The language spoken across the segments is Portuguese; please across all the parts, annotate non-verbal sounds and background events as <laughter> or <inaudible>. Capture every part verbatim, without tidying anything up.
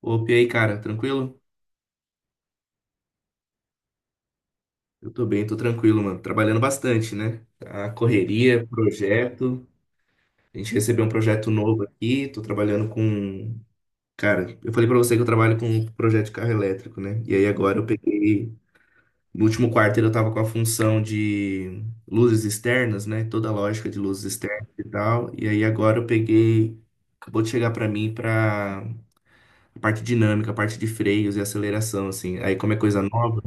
Opa, e aí, cara, tranquilo? Eu tô bem, tô tranquilo, mano. Trabalhando bastante, né? A correria, projeto. A gente recebeu um projeto novo aqui, tô trabalhando com. Cara, eu falei pra você que eu trabalho com um projeto de carro elétrico, né? E aí agora eu peguei. No último quarto eu tava com a função de luzes externas, né? Toda a lógica de luzes externas e tal. E aí agora eu peguei. Acabou de chegar pra mim pra a parte dinâmica, a parte de freios e aceleração, assim. Aí como é coisa nova.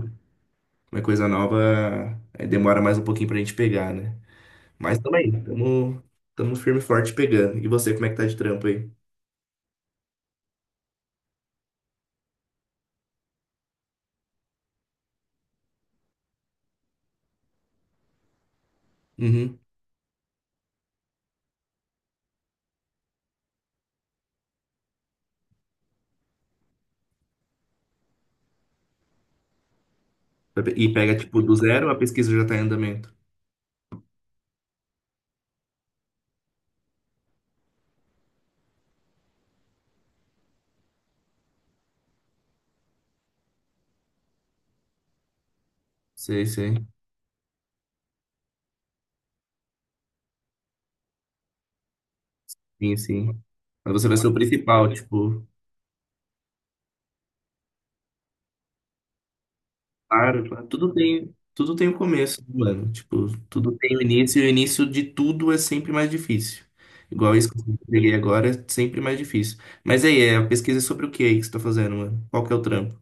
Uma coisa nova é, demora mais um pouquinho pra gente pegar, né? Mas também, tamo, tamo firme e forte pegando. E você, como é que tá de trampo aí? Uhum. E pega, tipo, do zero, a pesquisa já tá em andamento. Sei, sei. Sim, sim. Mas você vai ser o principal, tipo, claro, claro, tudo tem, tudo tem o começo, né, mano. Tipo, tudo tem o início, e o início de tudo é sempre mais difícil. Igual isso que eu peguei agora, é sempre mais difícil. Mas aí, é, a pesquisa é sobre o que aí que você tá fazendo, mano? Qual que é o trampo?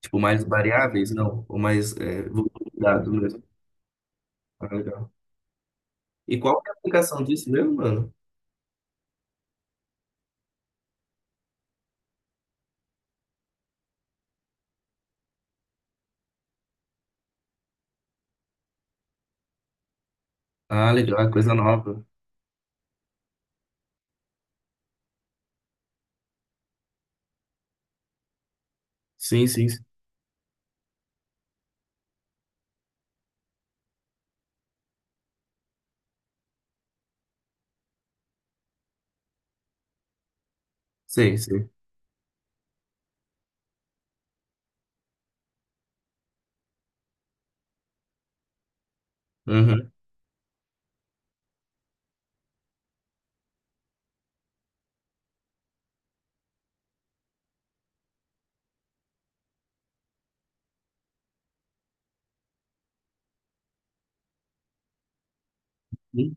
Tipo, mais variáveis? Não, ou mais é, volubilidade mesmo. Ah, legal. E qual que é a aplicação disso mesmo, mano? Ah, legal, é coisa nova. Sim, sim, sim. Sei, sei. Uhum. Sim.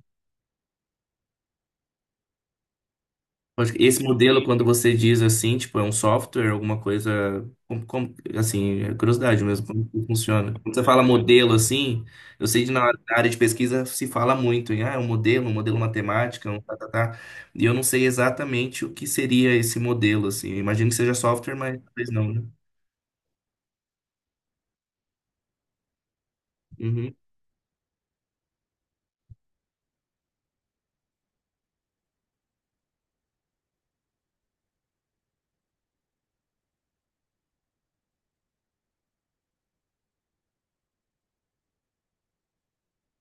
Acho que esse modelo, quando você diz assim, tipo, é um software, alguma coisa, como, como- assim, é curiosidade mesmo, como que funciona? Quando você fala modelo, assim, eu sei que na na área de pesquisa se fala muito em, ah, é um modelo, um modelo matemático, um tá, tá, tá. E eu não sei exatamente o que seria esse modelo, assim. Eu imagino que seja software, mas talvez não, né? Uhum.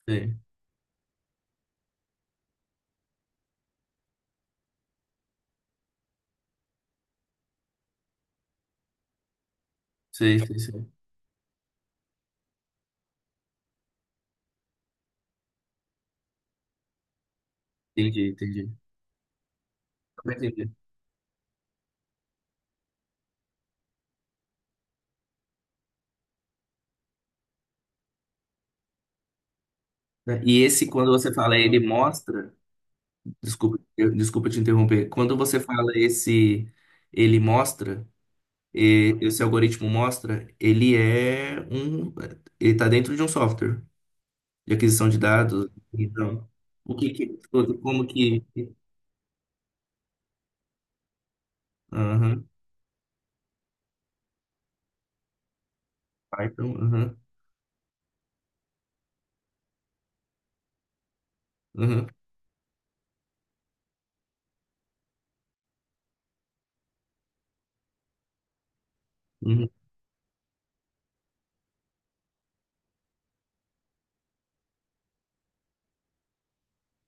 Sei, sei, sei, sei. Entendi, entendi. Eu entendi. E esse, quando você fala, ele mostra. Desculpa, eu- desculpa te interromper. Quando você fala esse, ele mostra, e- esse algoritmo mostra, ele é um. Ele está dentro de um software de aquisição de dados. Então, o que que. Como que. Aham, Python, aham, aham, uhum.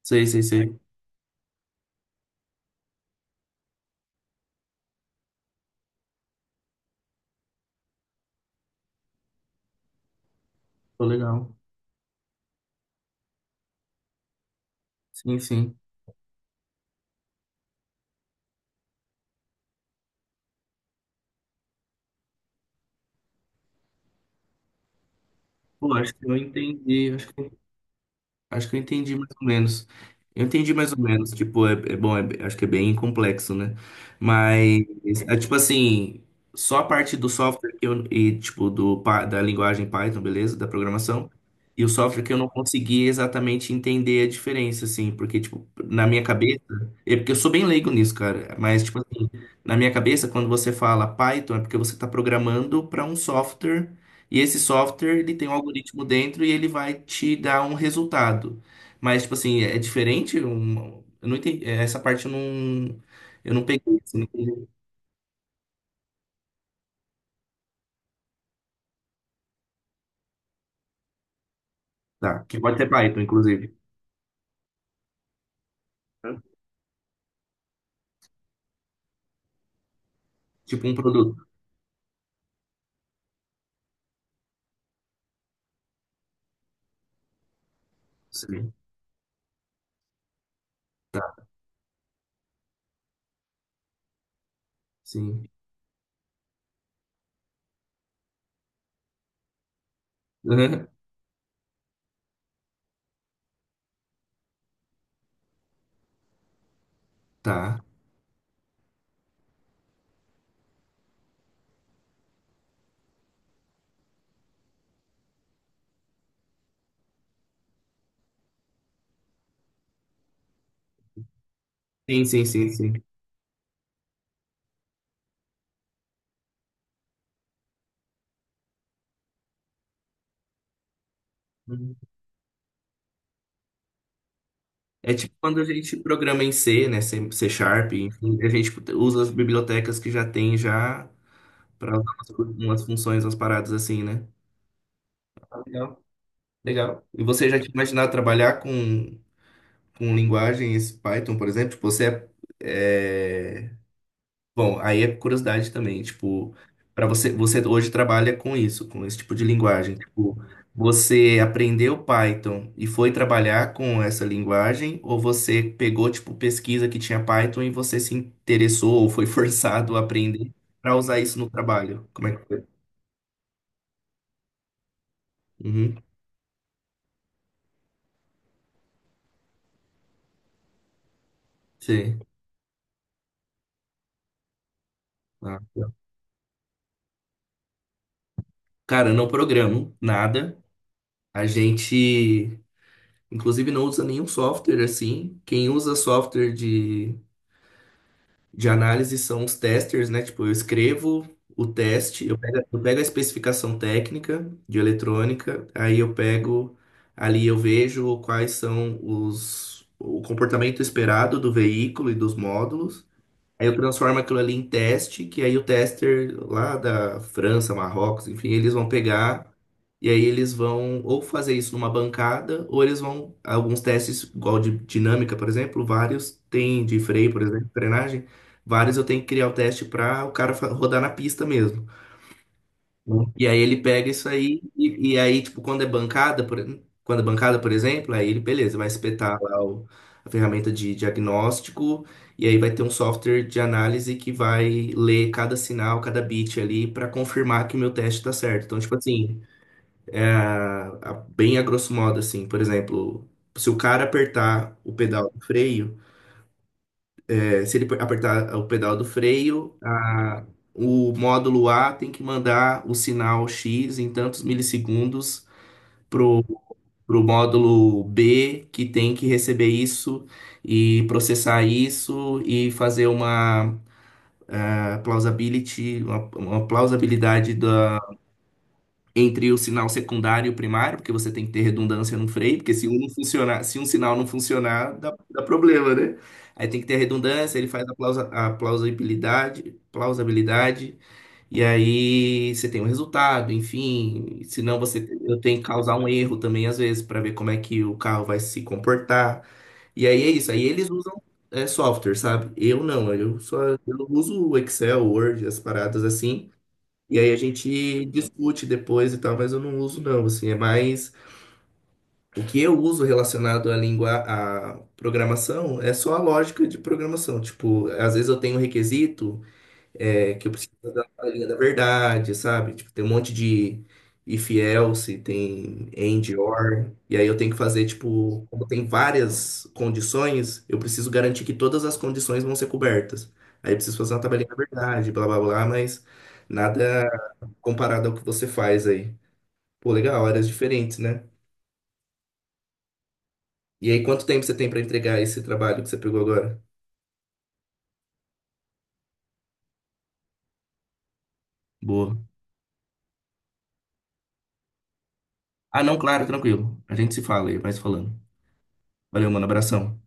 Sei, sei, sei. Pô, legal. Sim, sim. Pô, acho que eu entendi. Acho que eu entendi mais ou menos. Eu entendi mais ou menos. Tipo, é, é bom, é- acho que é bem complexo, né? Mas, é, tipo assim, só a parte do software que eu, e, tipo, do, pa- da linguagem Python, beleza? Da programação. E o software que eu não consegui exatamente entender a diferença, assim. Porque, tipo, na minha cabeça. É porque eu sou bem leigo nisso, cara. Mas, tipo assim, na minha cabeça, quando você fala Python, é porque você tá programando para um software. E esse software, ele tem um algoritmo dentro e ele vai te dar um resultado. Mas, tipo assim, é diferente? Um- eu não entendi. É, essa parte eu não, eu não peguei. Assim, não entendi. Tá, que pode ser Python, inclusive. Né? Tipo um produto. Sim. Sim. Aham. Tá. Sim, sim, sim, sim. Uhum. É tipo quando a gente programa em C, né? C, C Sharp, enfim, a gente usa as bibliotecas que já tem já para umas funções, umas paradas assim, né? Tá legal. Legal. E você já tinha imaginado trabalhar com, com linguagens Python, por exemplo? Tipo, você é, é- bom, aí é curiosidade também. Tipo, para você, você hoje trabalha com isso, com esse tipo de linguagem. Tipo, você aprendeu Python e foi trabalhar com essa linguagem, ou você pegou, tipo, pesquisa que tinha Python e você se interessou ou foi <laughs> forçado a aprender para usar isso no trabalho? Como é que foi? Uhum. Sim. Ah, tá. Cara, eu não programo nada. A gente, inclusive, não usa nenhum software assim. Quem usa software de, de análise são os testers, né? Tipo, eu escrevo o teste, eu pego, eu pego a especificação técnica de eletrônica, aí eu pego ali, eu vejo quais são os, o comportamento esperado do veículo e dos módulos. Aí eu transformo aquilo ali em teste, que aí o tester lá da França, Marrocos, enfim, eles vão pegar e aí eles vão ou fazer isso numa bancada, ou eles vão, alguns testes, igual de dinâmica, por exemplo, vários tem de freio, por exemplo, frenagem, vários eu tenho que criar o teste para o cara fa- rodar na pista mesmo. E aí ele pega isso aí, e, e aí, tipo, quando é bancada, por, quando é bancada, por exemplo, aí ele, beleza, vai espetar lá o- a ferramenta de diagnóstico, e aí vai ter um software de análise que vai ler cada sinal, cada bit ali, para confirmar que o meu teste tá certo. Então, tipo assim, a- bem a grosso modo, assim, por exemplo, se o cara apertar o pedal do freio, é, se ele per- apertar o pedal do freio, a- o módulo A tem que mandar o sinal X em tantos milissegundos pro, pro módulo B, que tem que receber isso e processar isso e fazer uma ah, plausibility, uma, uma plausibilidade da, entre o sinal secundário e o primário, porque você tem que ter redundância no freio, porque se um não funcionar, se um sinal não funcionar, dá, dá problema, né? Aí tem que ter redundância, ele faz a, plausa, a plausibilidade, plausibilidade e aí você tem um resultado, enfim. Senão você eu tenho que causar um erro também, às vezes, para ver como é que o carro vai se comportar. E aí é isso. Aí eles usam é, software, sabe? Eu não, eu só eu uso o Excel, Word, as paradas assim. E aí a gente discute depois e tal, mas eu não uso não, assim, é mais o que eu uso relacionado à língua, à programação, é só a lógica de programação. Tipo, às vezes eu tenho um requisito é, que eu preciso da da linha da verdade, sabe? Tipo, tem um monte de if else, tem and or, e aí eu tenho que fazer, tipo, como tem várias condições, eu preciso garantir que todas as condições vão ser cobertas. Aí eu preciso fazer uma tabelinha da verdade, blá blá blá, mas nada comparado ao que você faz aí. Pô, legal, áreas diferentes, né? E aí, quanto tempo você tem para entregar esse trabalho que você pegou agora? Boa. Ah, não, claro, tranquilo. A gente se fala aí, vai se falando. Valeu, mano, abração.